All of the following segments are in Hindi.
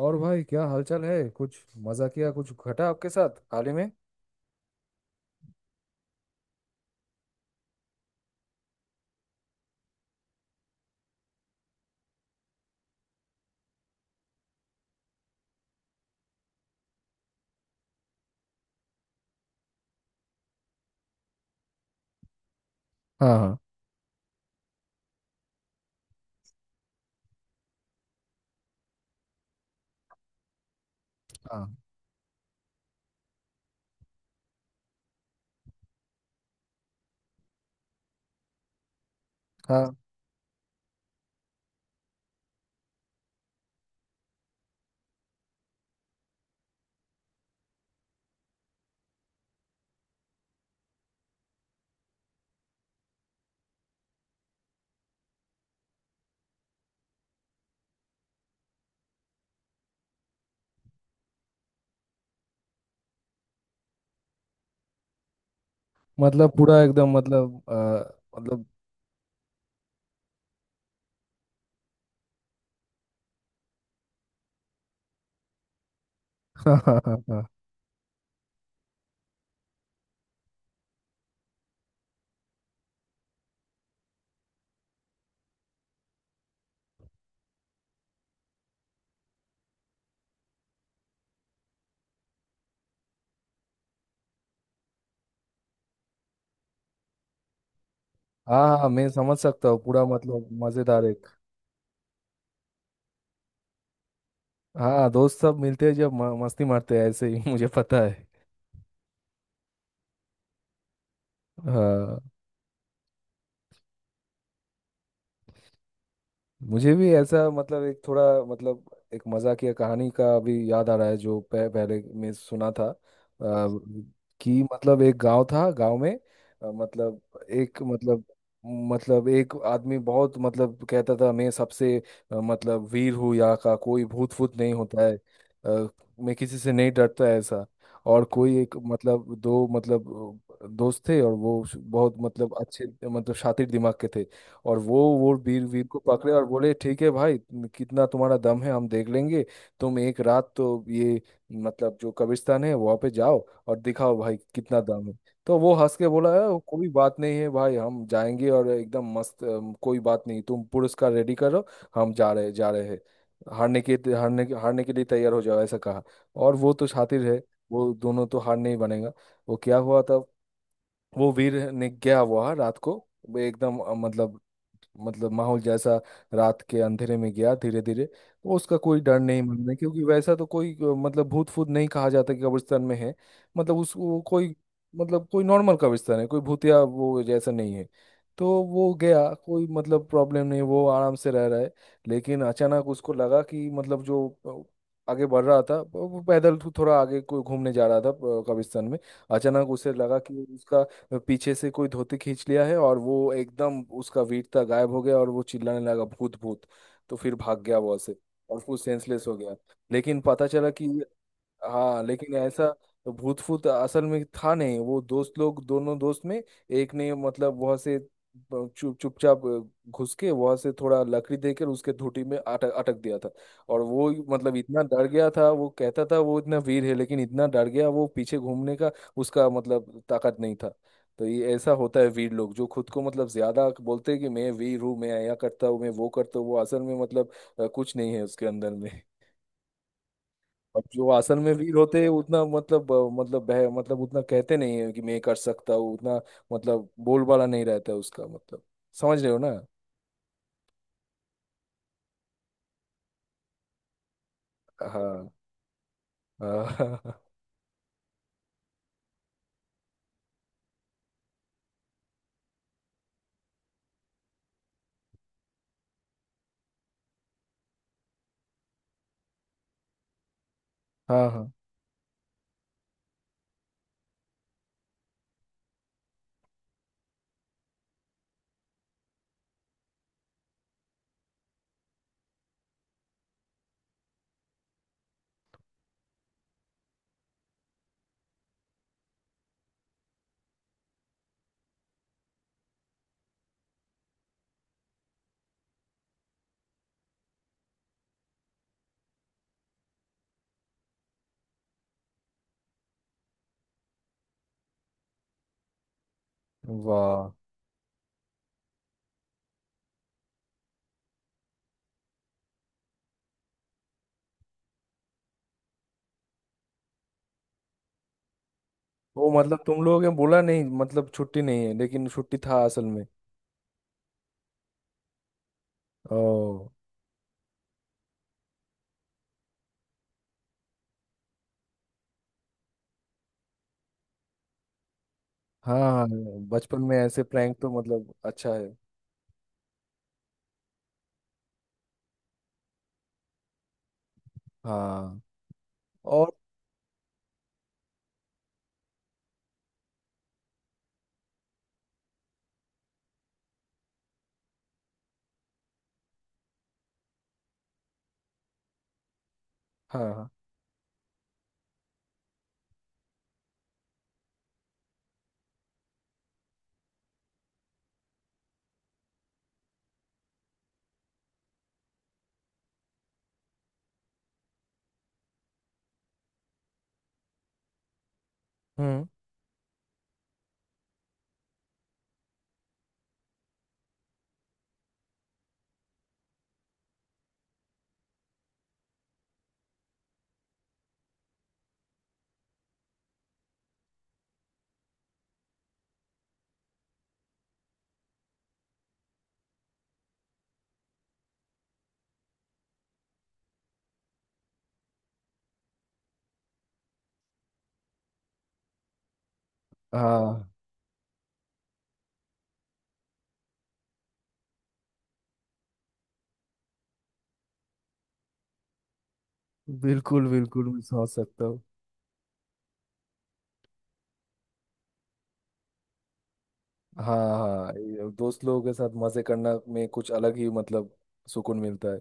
और भाई, क्या हालचाल है? कुछ मजा किया, कुछ घटा आपके साथ हाल ही में? हाँ, हाँ, हाँ, हाँ। मतलब पूरा एकदम, मतलब मतलब। हाँ, हाँ, हाँ, हाँ। हाँ, हाँ, मैं समझ सकता हूँ पूरा, मतलब मजेदार एक। हाँ, दोस्त सब मिलते हैं जब मस्ती मारते हैं ऐसे ही। मुझे पता है। हाँ, मुझे भी ऐसा, मतलब एक थोड़ा, मतलब एक मजाकिया कहानी का भी याद आ रहा है, जो पहले मैं सुना था। कि मतलब एक गांव था गांव में, मतलब एक, मतलब एक आदमी बहुत, मतलब कहता था मैं सबसे, मतलब वीर हूँ, यहाँ का कोई भूत फूत नहीं होता है। अ, मैं किसी से नहीं डरता है, ऐसा। और कोई एक, मतलब दो, मतलब दोस्त थे, और वो बहुत, मतलब अच्छे, मतलब शातिर दिमाग के थे। और वो वीर वीर को पकड़े और बोले, ठीक है भाई, कितना तुम्हारा दम है हम देख लेंगे। तुम एक रात तो ये, मतलब जो कब्रिस्तान है वहाँ पे जाओ, और दिखाओ भाई कितना दम है। तो वो हंस के बोला है, कोई बात नहीं है भाई, हम जाएंगे और एकदम मस्त, कोई बात नहीं, तुम पुरस्कार रेडी करो। हम जा रहे हैं। हारने के लिए तैयार हो जाओ, ऐसा कहा। और वो तो शातिर है, वो दोनों तो हार नहीं बनेगा। वो क्या हुआ था? वो वीर ने गया हुआ रात को, वो एकदम, मतलब माहौल जैसा। रात के अंधेरे में गया धीरे धीरे। वो उसका कोई डर नहीं मन में क्योंकि वैसा तो कोई, मतलब भूत फूत नहीं कहा जाता कि कब्रिस्तान में है। मतलब उस, वो कोई, मतलब कोई नॉर्मल कब्रिस्तान है, कोई भूतिया वो जैसा नहीं है। तो वो गया, कोई मतलब प्रॉब्लम नहीं, वो आराम से रह रहा है। लेकिन अचानक उसको लगा कि मतलब जो आगे बढ़ रहा था, वो पैदल थोड़ा आगे कोई घूमने जा रहा था, कब्रिस्तान में। अचानक उसे लगा कि उसका पीछे से कोई धोती खींच लिया है, और वो एकदम उसका वीरता गायब हो गया, और वो चिल्लाने लगा भूत, भूत। तो फिर भाग गया वहां से और फिर सेंसलेस हो गया। लेकिन पता चला कि, हाँ, लेकिन ऐसा भूत फूत असल में था नहीं, वो दोस्त लोग दोनों दोस्त में, एक ने मतलब वहां से चुप चुपचाप घुस के वहां से थोड़ा लकड़ी देकर उसके धूटी में अटक अटक दिया था। और वो, मतलब इतना डर गया था, वो कहता था वो इतना वीर है लेकिन इतना डर गया, वो पीछे घूमने का उसका मतलब ताकत नहीं था। तो ये ऐसा होता है, वीर लोग जो खुद को मतलब ज्यादा बोलते हैं कि मैं वीर हूँ, मैं यह करता हूँ, मैं वो करता हूँ, वो असल में मतलब कुछ नहीं है उसके अंदर में। और जो असल में वीर होते हैं उतना मतलब अ, मतलब बह मतलब उतना कहते नहीं है कि मैं कर सकता हूँ उतना, मतलब बोलबाला नहीं रहता है उसका, मतलब। समझ रहे हो ना? हाँ, हाँ। हाँ, हाँ। वाह, वो मतलब तुम लोगों ने बोला नहीं मतलब छुट्टी नहीं है, लेकिन छुट्टी था असल में? ओ। हाँ, हाँ, बचपन में ऐसे प्रैंक तो मतलब अच्छा है। हाँ। और। हाँ, हाँ। हम्म। हाँ, बिल्कुल बिल्कुल मैं समझ सकता हूँ। हाँ, हाँ, ये दोस्त लोगों के साथ मजे करना में कुछ अलग ही, मतलब सुकून मिलता है।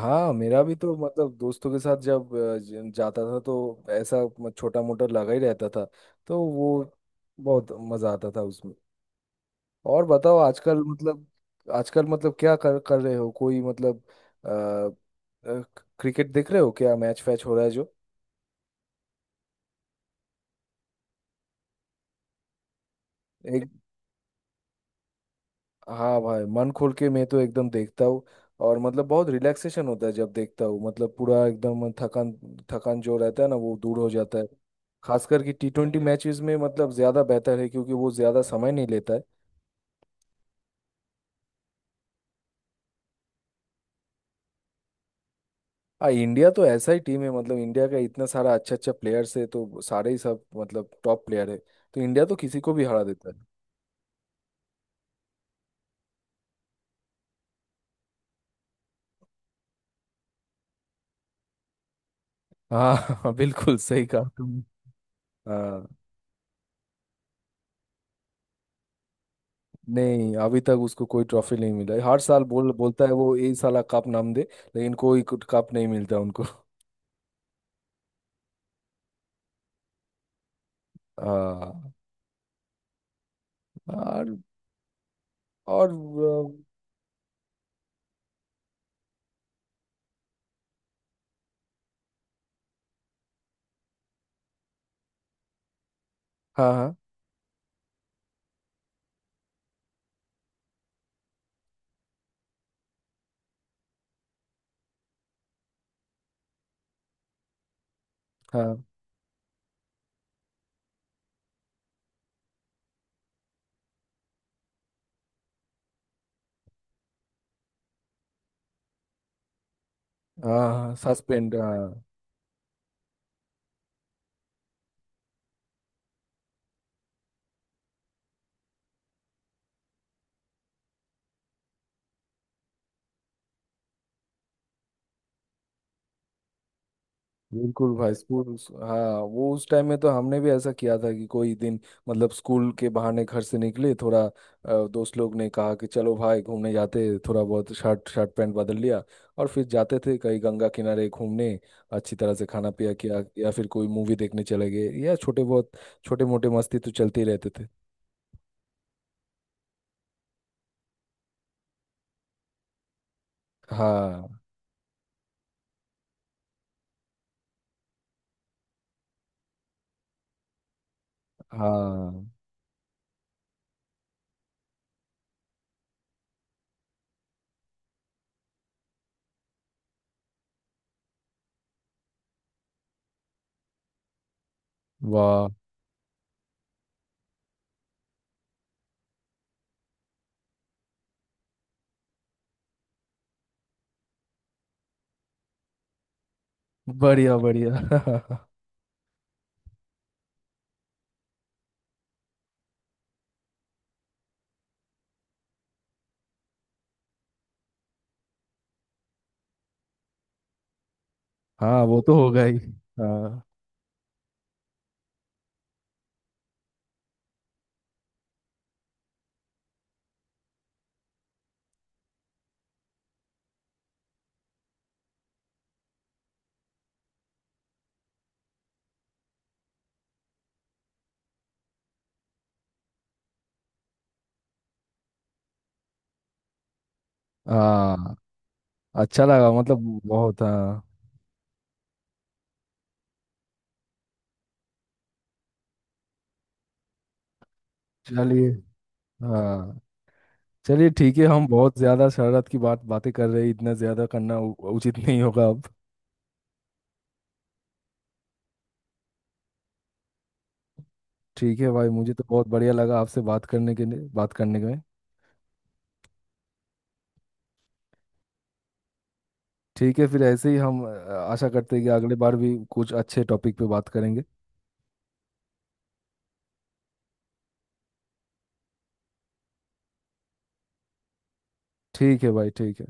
हाँ, मेरा भी तो मतलब दोस्तों के साथ जब जाता था तो ऐसा छोटा मोटा लगा ही रहता था। तो वो बहुत मजा आता था उसमें। और बताओ आजकल, मतलब क्या कर कर रहे हो, कोई मतलब अ, अ, क्रिकेट देख रहे हो, क्या मैच फैच हो रहा है जो? हाँ भाई, मन खोल के मैं तो एकदम देखता हूँ। और मतलब बहुत रिलैक्सेशन होता है जब देखता हूँ, मतलब पूरा एकदम थकान। थकान जो रहता है ना, वो दूर हो जाता है। खासकर कि T20 मैचेस में, मतलब ज़्यादा बेहतर है क्योंकि वो ज़्यादा समय नहीं लेता है। आ इंडिया तो ऐसा ही टीम है, मतलब इंडिया का इतना सारा अच्छा अच्छा प्लेयर्स है, तो सारे ही सब मतलब टॉप प्लेयर है। तो इंडिया तो किसी को भी हरा देता है। हाँ। बिल्कुल सही कहा तुम। हाँ, नहीं अभी तक उसको कोई ट्रॉफी नहीं मिला है। हर साल बोलता है वो ये साला कप नाम दे। लेकिन कोई कप नहीं मिलता उनको। हाँ। और और हाँ, हाँ, हाँ, हाँ, सस्पेंड, हाँ, suspend, हाँ। बिल्कुल भाई, स्कूल। हाँ वो उस टाइम में तो हमने भी ऐसा किया था कि कोई दिन मतलब स्कूल के बहाने घर से निकले, थोड़ा दोस्त लोग ने कहा कि चलो भाई घूमने जाते हैं, थोड़ा बहुत शर्ट शर्ट पैंट बदल लिया। और फिर जाते थे कहीं गंगा किनारे घूमने, अच्छी तरह से खाना पिया किया, या फिर कोई मूवी देखने चले गए, या छोटे बहुत छोटे मोटे मस्ती तो चलते ही रहते थे। हाँ, हाँ, वाह, बढ़िया, बढ़िया। हाँ, वो तो होगा ही। हाँ, हाँ, अच्छा लगा, मतलब बहुत। हाँ चलिए। हाँ चलिए, ठीक है, हम बहुत ज्यादा शरारत की बात, बातें कर रहे हैं, इतना ज्यादा करना उचित नहीं होगा अब। ठीक है भाई, मुझे तो बहुत बढ़िया लगा आपसे बात करने के लिए, बात करने में। ठीक है, फिर ऐसे ही हम आशा करते हैं कि अगले बार भी कुछ अच्छे टॉपिक पे बात करेंगे। ठीक है भाई, ठीक है।